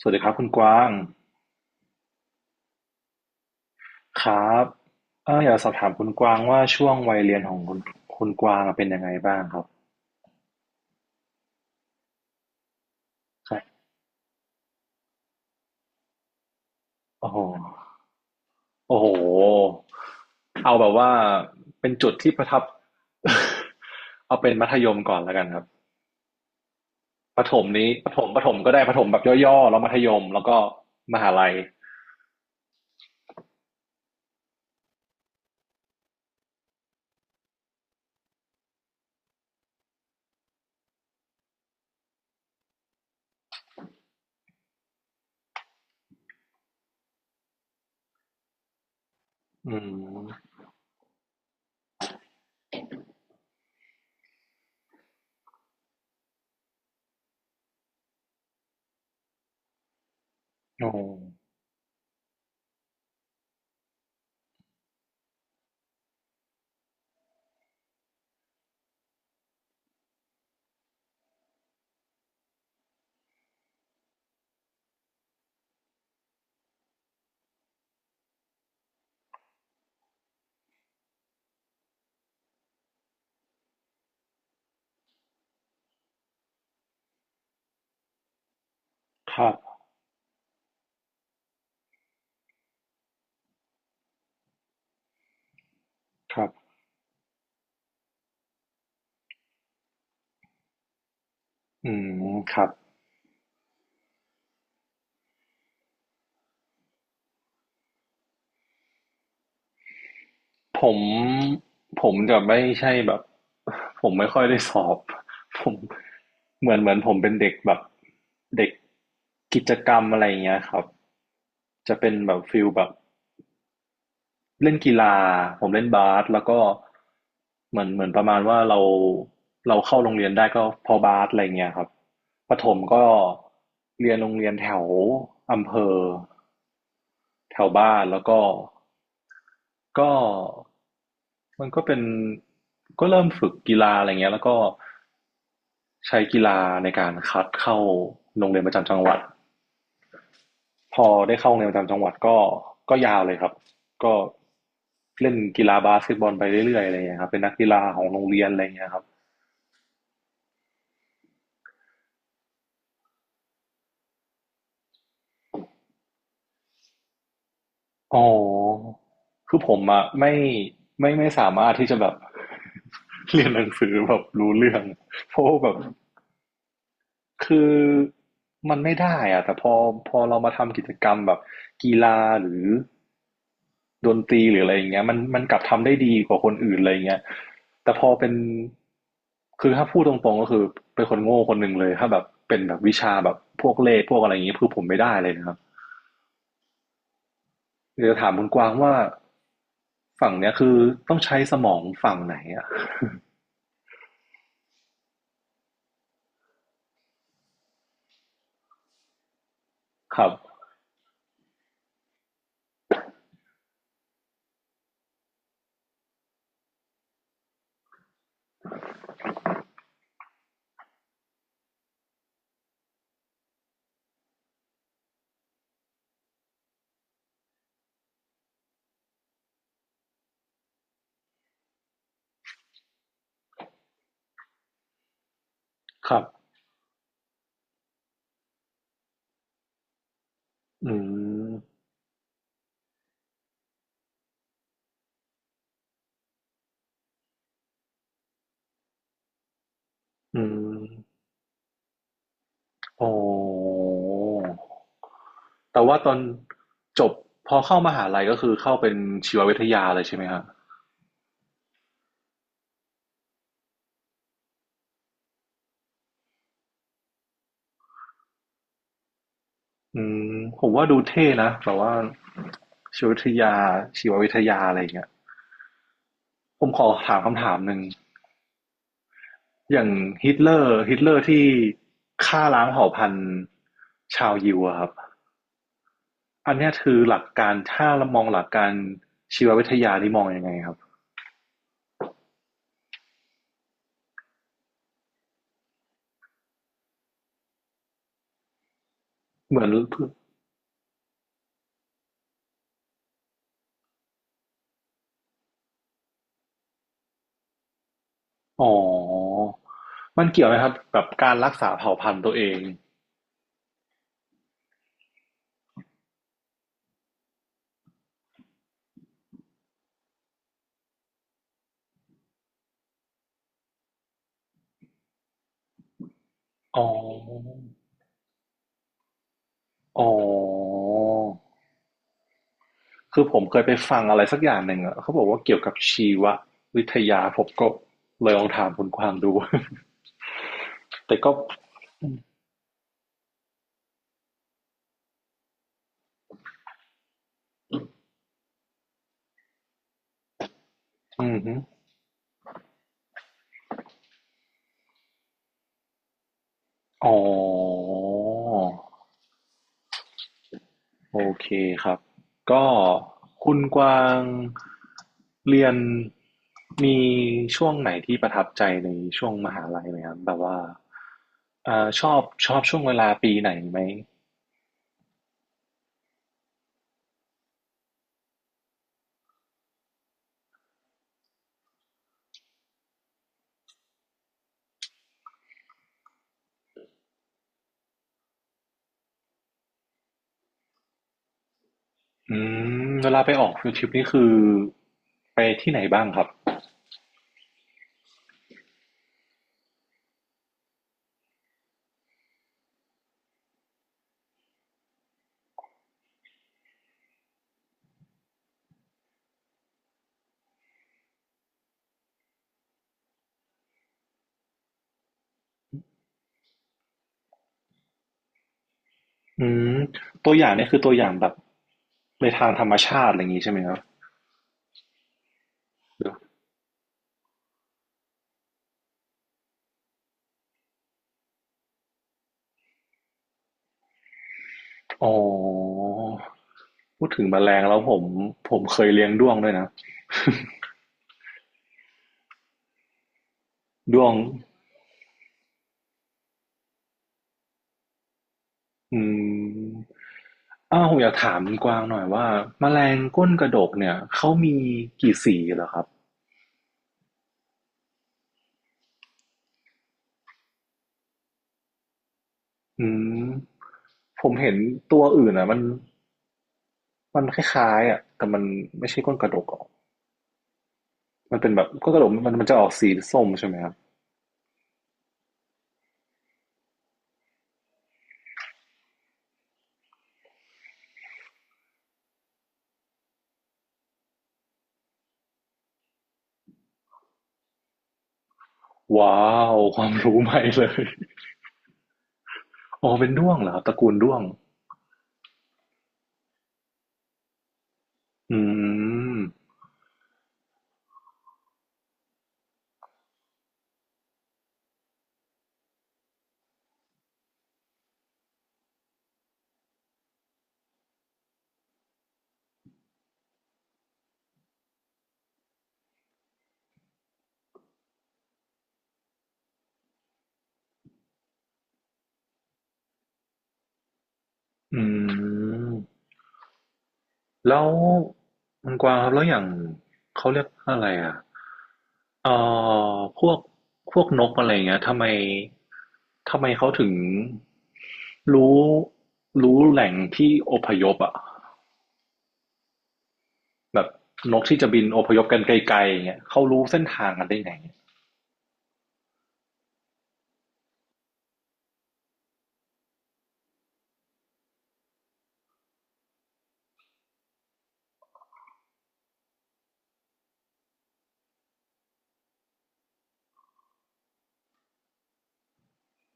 สวัสดีครับคุณกวางครับอยากสอบถามคุณกวางว่าช่วงวัยเรียนของคุณกวางเป็นยังไงบ้างครับครับโอ้โหโอ้โหเอาแบบว่าเป็นจุดที่ประทับ เอาเป็นมัธยมก่อนแล้วกันครับประถมนี้ประถมก็ได้ประถมแบบย่อๆแล้วมัธยมแล้วก็มหาลัยอืมโอ้ครับครับอืมครับ ผมผมจะไม่ใช่แบบ ผมไม่ค่อยได้สอบ ผมเหมือนผมเป็นเด็กแบบเด็กกิจกรรมอะไรอย่างเงี้ยครับจะเป็นแบบฟิลแบบเล่นกีฬาผมเล่นบาสแล้วก็เหมือนประมาณว่าเราเข้าโรงเรียนได้ก็เพอบาสอะไรเงี้ยครับประถมก็เรียนโรงเรียนแถวอำเภอแถวบ้านแล้วก็ก็ มันก็เป็นก็เริ่มฝึกกีฬาอะไรเงี้ยแล้วก็ใช้กีฬาในการคัดเข้าโรงเรียนประจำจังหวัดพอได้เข้าโรงเรียนประจำจังหวัดก็ก็ยาวเลยครับก็เล่นกีฬาบาสเกตบอลไปเรื่อยๆอะไรเงี้ยครับเป็นนักกีฬาของโรงเรียนอะไรเงี้ยครับอ๋อคือผมอะไม่ไม่สามารถที่จะแบบ เรียนหนังสือแบบรู้เรื่องเพราะว่าแบบ คือมันไม่ได้อะแต่พอเรามาทำกิจกรรมแบบกีฬาหรือดนตรีหรืออะไรอย่างเงี้ยมันกลับทำได้ดีกว่าคนอื่นอะไรอย่างเงี้ยแต่พอเป็นคือถ้าพูดตรงๆก็คือเป็นคนโง่คนหนึ่งเลยถ้าแบบเป็นแบบวิชาแบบพวกเลขพวกอะไรอย่างเงี้ยคือผมไม่ได้เลยนะครับเดี๋ยวถามคุณกวางว่าฝั่งเนี้ยคือต้องใช้สมองฝั่งไหนอะครับครับอืมอืมโอ้ แต่ว่าตอนจบพอเข้ามหาลัยก็คือเข้าเป็นชีววิทยาเลยใช่ไหมฮะอืมผมว่าดูเท่นะแบบว่าชีววิทยาชีววิทยาอะไรอย่างเงี้ยผมขอถามคำถามหนึ่งอย่างฮิตเลอร์ที่ฆ่าล้างเผ่าพันธุ์ชาวยิวอะครับอันนี้คือหลักการถ้าเรามองหลักการชีววิทยานี่มองยังไงครับเหมือนอ๋อมันเกี่ยวไหมครับกับการรักษาเผ่าพันธุ์ตัวเองอ๋อ อ๋อ คือผมเคยไปฟังอะไรสักอย่างหนึ่งอะเขาบอกว่าเกี่ยวกับชีววิทยาผมก็เลยลองถามคุณกวางดู แต่ก็อืมฮึอ๋อ โอเคครับ ก็คุณกวางเรียนมีช่วงไหนที่ประทับใจในช่วงมหาลัยไหมครับแบบว่าชอบช่วงเวลาปีไหนไหมอืมเวลาไปออกฟิล์ทริปนี่คือไปที่ไหนบ้างครับ อืมตัวอย่างเนี่ยคือตัวอย่างแบบในทางธรรมชาติอะไรอย่างนี้ใช่ไหมครับหรืออ๋อพูดถึงแมลงแล้วผมเคยเลี้ยงด้วงด้วยนะด้วงอืมอ้าวผมอยากถามคุณกวางหน่อยว่าแมลงก้นกระดกเนี่ยเขามีกี่สีเหรอครับอืมผมเห็นตัวอื่นอ่ะมันคล้ายๆอ่ะแต่มันไม่ใช่ก้นกระดกอ่ะมันเป็นแบบก้นกระดกมันจะออกสีส้มใช่ไหมครับว้าวความรู้ใหม่เลย อ๋อเป็นด้วงเหรอครับตระกูลด้วง อืมอืมแล้วมันกวางครับแล้วอย่างเขาเรียกว่าอะไรอ่ะเอ่อพวกพวกนกอะไรเงี้ยทำไมเขาถึงรู้รู้แหล่งที่อพยพอ่ะแบบนกที่จะบินอพยพกันไกลๆเงี้ยเขารู้เส้นทางกันได้ไง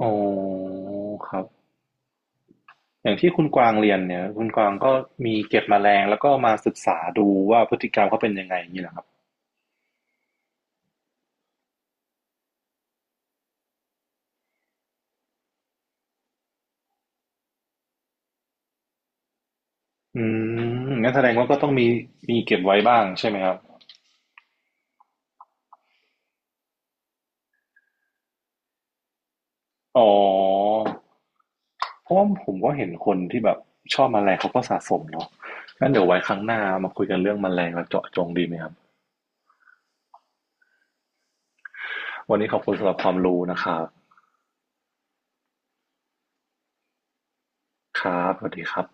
อ๋อครับ อย่างที่คุณกวางเรียนเนี่ยคุณกวางก็มีเก็บแมลงแล้วก็มาศึกษาดูว่าพฤติกรรมเขาเป็นยังไงอย่างนี้เหรอครับอืมงั้นแสดงว่าก็ต้องมีมีเก็บไว้บ้างใช่ไหมครับอ๋อเพราะว่าผมก็เห็นคนที่แบบชอบแมลงเขาก็สะสมเนาะงั้นเดี๋ยวไว้ครั้งหน้ามาคุยกันเรื่องแมลงแล้วเจาะจงดีไหมครับวันนี้ขอบคุณสำหรับความรู้นะครับครับสวัสดีครับ